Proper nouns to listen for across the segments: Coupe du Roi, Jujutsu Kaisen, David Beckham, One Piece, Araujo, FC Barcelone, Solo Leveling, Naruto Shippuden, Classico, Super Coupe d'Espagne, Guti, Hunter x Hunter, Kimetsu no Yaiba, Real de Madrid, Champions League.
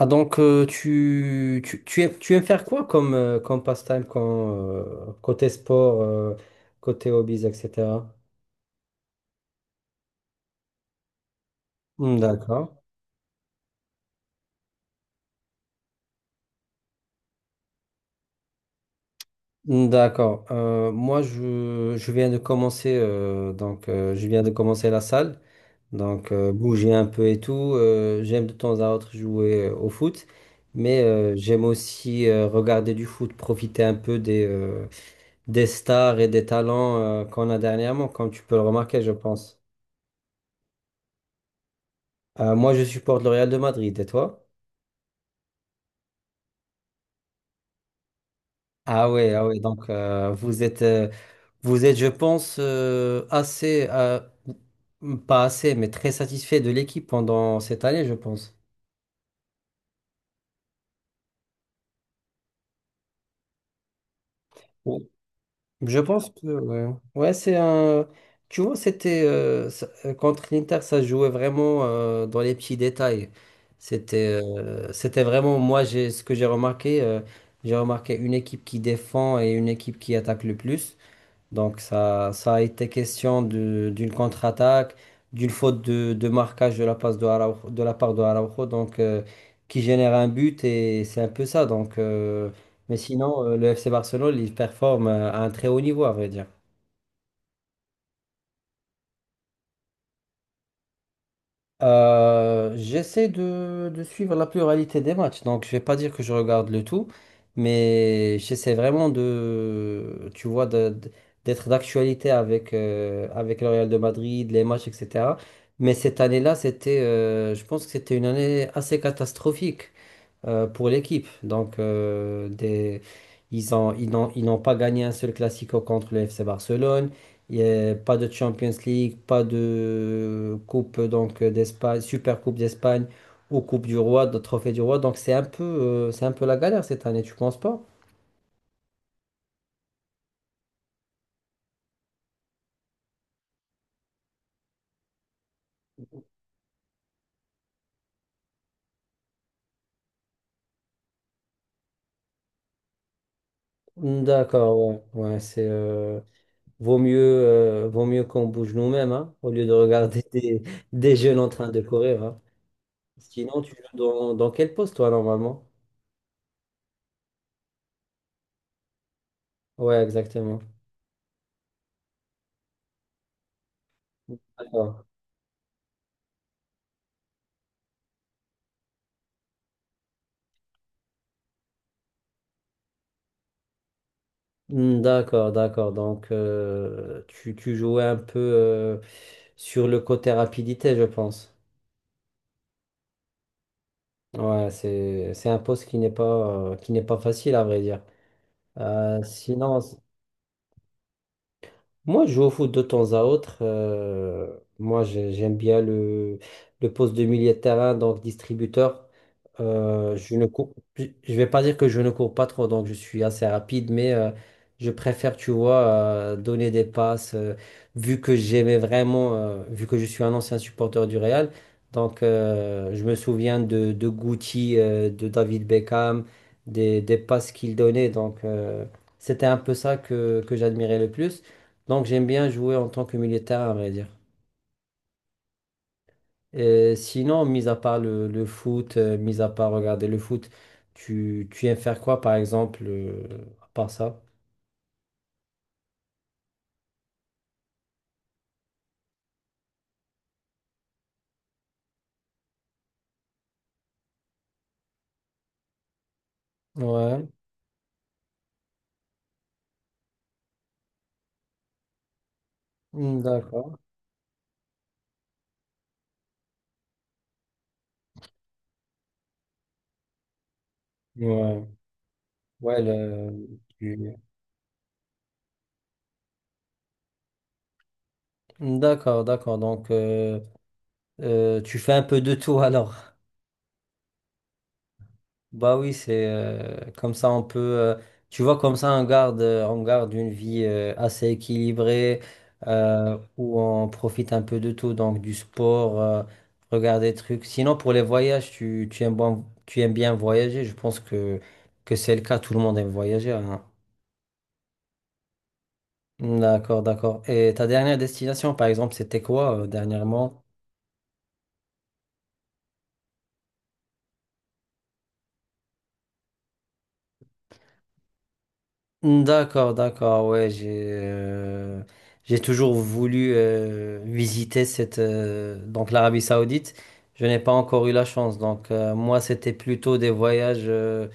Tu aimes faire quoi comme, comme passe-temps quand, côté sport, côté hobbies, etc. Hmm, d'accord. Hmm, d'accord. Moi, je viens de commencer je viens de commencer la salle. Bouger un peu et tout. J'aime de temps à autre jouer au foot. Mais j'aime aussi regarder du foot, profiter un peu des stars et des talents qu'on a dernièrement, comme tu peux le remarquer, je pense. Moi, je supporte le Real de Madrid, et toi? Ah ouais, ah ouais, vous êtes, je pense, assez, pas assez, mais très satisfait de l'équipe pendant cette année, je pense. Oui. Je pense que, ouais, ouais, c'est un, tu vois, contre l'Inter, ça se jouait vraiment dans les petits détails. C'était, c'était vraiment, moi, ce que j'ai remarqué une équipe qui défend et une équipe qui attaque le plus. Donc ça a été question d'une contre-attaque, d'une faute de marquage de la passe de de la part de Araujo, qui génère un but et c'est un peu ça. Mais sinon, le FC Barcelone, il performe à un très haut niveau, à vrai dire. J'essaie de suivre la pluralité des matchs, donc je vais pas dire que je regarde le tout, mais j'essaie vraiment de, tu vois, d'être d'actualité avec, avec le Real de Madrid, les matchs, etc. Mais cette année-là, c'était, je pense que c'était une année assez catastrophique pour l'équipe. Donc, ils n'ont pas gagné un seul Classico contre le FC Barcelone. Il y a pas de Champions League, pas de Coupe donc d'Espagne, Super Coupe d'Espagne ou Coupe du Roi, de Trophée du Roi. Donc, c'est un peu la galère cette année, tu penses pas? D'accord, ouais, ouais, c'est vaut mieux qu'on bouge nous-mêmes hein, au lieu de regarder des jeunes en train de courir. Hein. Sinon, tu joues dans, dans quel poste toi normalement? Ouais, exactement. D'accord, hmm, d'accord. D'accord. Donc, tu, tu jouais un peu sur le côté rapidité, je pense. Ouais, c'est un poste qui n'est pas facile, à vrai dire. Euh, sinon, Moi, je joue au foot de temps à autre. Moi, j'aime bien le poste de milieu de terrain, donc distributeur. Je ne cours, Je vais pas dire que je ne cours pas trop, donc je suis assez rapide, mais je préfère, tu vois, donner des passes. Vu que je suis un ancien supporter du Real, je me souviens de Guti, de David Beckham, des passes qu'il donnait. C'était un peu ça que j'admirais le plus. Donc j'aime bien jouer en tant que militaire, à vrai dire. Et sinon, mis à part le foot, mis à part regarder le foot, tu aimes faire quoi, par exemple, à part ça? Ouais, hmm, d'accord. Ouais, ouais, d'accord, d'accord. Donc, tu fais un peu de tout alors. Bah oui, c'est comme ça on peut, tu vois, comme ça on garde une vie assez équilibrée où on profite un peu de tout, donc du sport, regarder des trucs. Sinon pour les voyages, tu aimes, tu aimes bien voyager, je pense que c'est le cas, tout le monde aime voyager. Hein. D'accord, d'accord. Et ta dernière destination, par exemple, c'était quoi dernièrement? D'accord, d'accord, ouais, j'ai toujours voulu visiter cette donc l'Arabie Saoudite. Je n'ai pas encore eu la chance. Donc, moi, c'était plutôt des voyages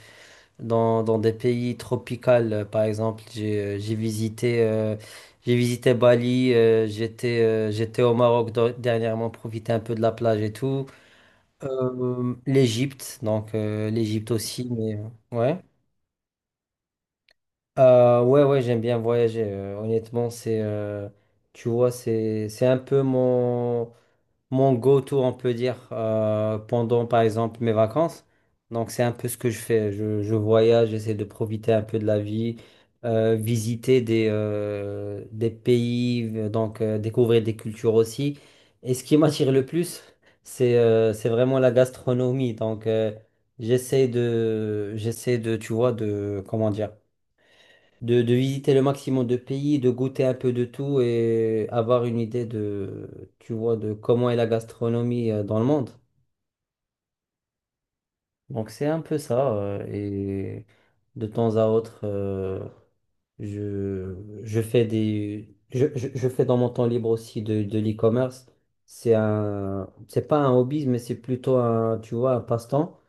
dans, dans des pays tropicaux. Par exemple, j'ai visité Bali. J'étais au Maroc dernièrement, profiter un peu de la plage et tout. L'Égypte, l'Égypte aussi, mais ouais. Ouais, ouais, j'aime bien voyager. Honnêtement, c'est, tu vois, c'est un peu mon, mon go-to, on peut dire, pendant, par exemple, mes vacances. Donc, c'est un peu ce que je fais. Je voyage, j'essaie de profiter un peu de la vie, visiter des pays, découvrir des cultures aussi. Et ce qui m'attire le plus, c'est vraiment la gastronomie. Donc, tu vois, de, comment dire de visiter le maximum de pays, de goûter un peu de tout et avoir une idée de, tu vois, de comment est la gastronomie dans le monde. Donc c'est un peu ça. Et de temps à autre, je, je fais des, je fais dans mon temps libre aussi de l'e-commerce. C'est pas un hobby, mais c'est plutôt un, tu vois, un passe-temps.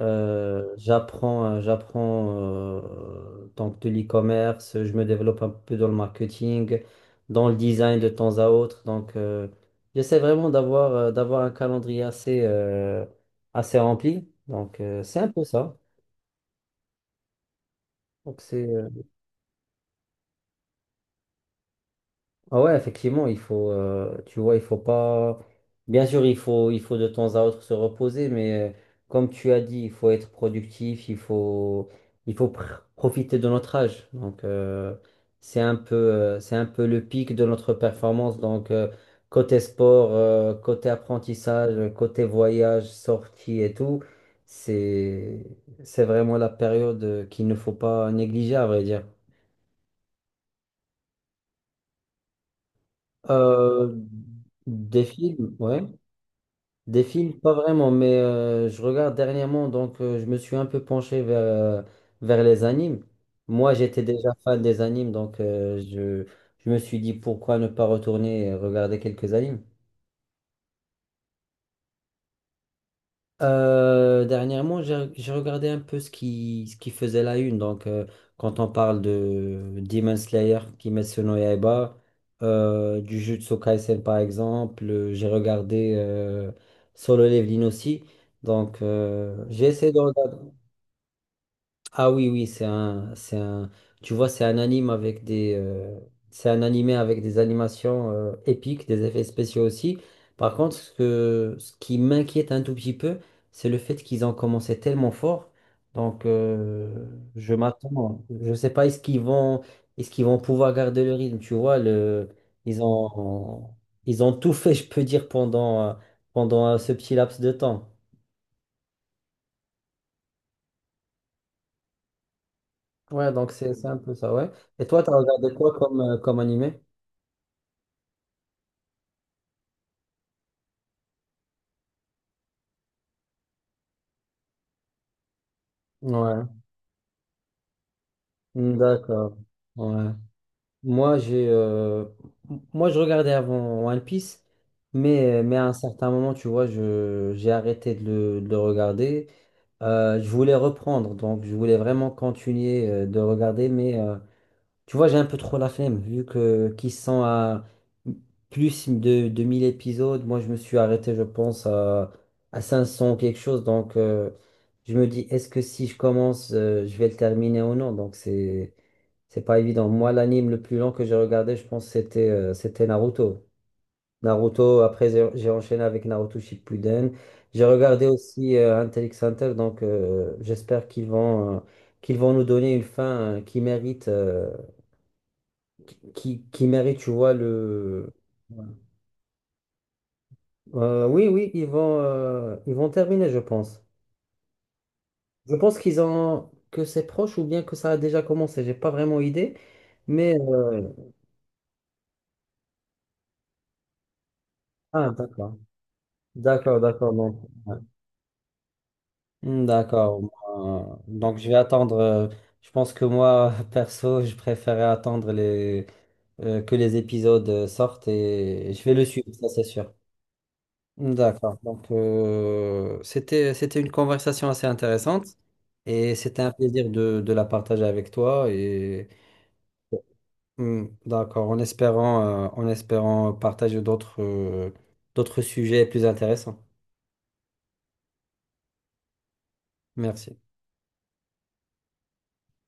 J'apprends donc de l'e-commerce, je me développe un peu dans le marketing, dans le design de temps à autre. Donc, j'essaie vraiment d'avoir d'avoir un calendrier assez assez rempli. Donc, c'est un peu ça. Donc, c'est ah ouais, effectivement, il faut, tu vois, il faut pas. Bien sûr, il faut de temps à autre se reposer, mais comme tu as dit, il faut être productif, il faut, il profiter de notre âge. Donc, c'est un peu le pic de notre performance. Donc, côté sport, côté apprentissage, côté voyage, sortie et tout, c'est, c'est vraiment la période qu'il ne faut pas négliger, à vrai dire. Euh, des films, ouais. Des films, pas vraiment, mais je regarde dernièrement, je me suis un peu penché vers, vers les animes. Moi, j'étais déjà fan des animes, je me suis dit pourquoi ne pas retourner et regarder quelques animes. Dernièrement, j'ai regardé un peu ce qui faisait la une, quand on parle de Demon Slayer, Kimetsu no Yaiba, du Jujutsu Kaisen par exemple, j'ai regardé Solo Leveling aussi. Donc, j'ai essayé de regarder. Ah oui, oui, tu vois, c'est un animé avec des animations épiques, des effets spéciaux aussi. Par contre, ce que, ce qui m'inquiète un tout petit peu, c'est le fait qu'ils ont commencé tellement fort. Donc, je m'attends, je sais pas, est-ce qu'ils vont pouvoir garder le rythme, tu vois, le, ils ont, ils ont tout fait, je peux dire, pendant, ce petit laps de temps. Ouais, donc c'est un peu ça, ouais. Et toi, t'as regardé quoi comme, comme animé? Ouais, hmm, d'accord. Ouais. Moi, j'ai, euh, Moi, je regardais avant One Piece, mais à un certain moment, tu vois, je, j'ai arrêté de le regarder. Je voulais reprendre, donc je voulais vraiment continuer de regarder, mais tu vois, j'ai un peu trop la flemme, vu que qu'ils sont à plus de 1000 épisodes. Moi, je me suis arrêté, je pense, à 500 ou quelque chose, je me dis, est-ce que si je commence, je vais le terminer ou non? Donc, c'est. C'est pas évident. Moi, l'anime le plus long que j'ai regardé, je pense, c'était Naruto. Naruto, après, j'ai enchaîné avec Naruto Shippuden. J'ai regardé aussi Hunter x Hunter, j'espère qu'ils vont nous donner une fin qui, qui mérite, tu vois, oui, oui, ils vont terminer, je pense. Je pense qu'ils ont que c'est proche ou bien que ça a déjà commencé. J'ai pas vraiment idée, mais ah, d'accord, d'accord, d'accord. Donc, ouais. Hmm, d'accord. Donc, je vais attendre. Je pense que moi, perso, je préférais attendre les, que les épisodes sortent et je vais le suivre, ça c'est sûr. Hmm, d'accord. C'était une conversation assez intéressante et c'était un plaisir de la partager avec toi. Et hmm, d'accord, en espérant partager d'autres, d'autres sujets plus intéressants. Merci.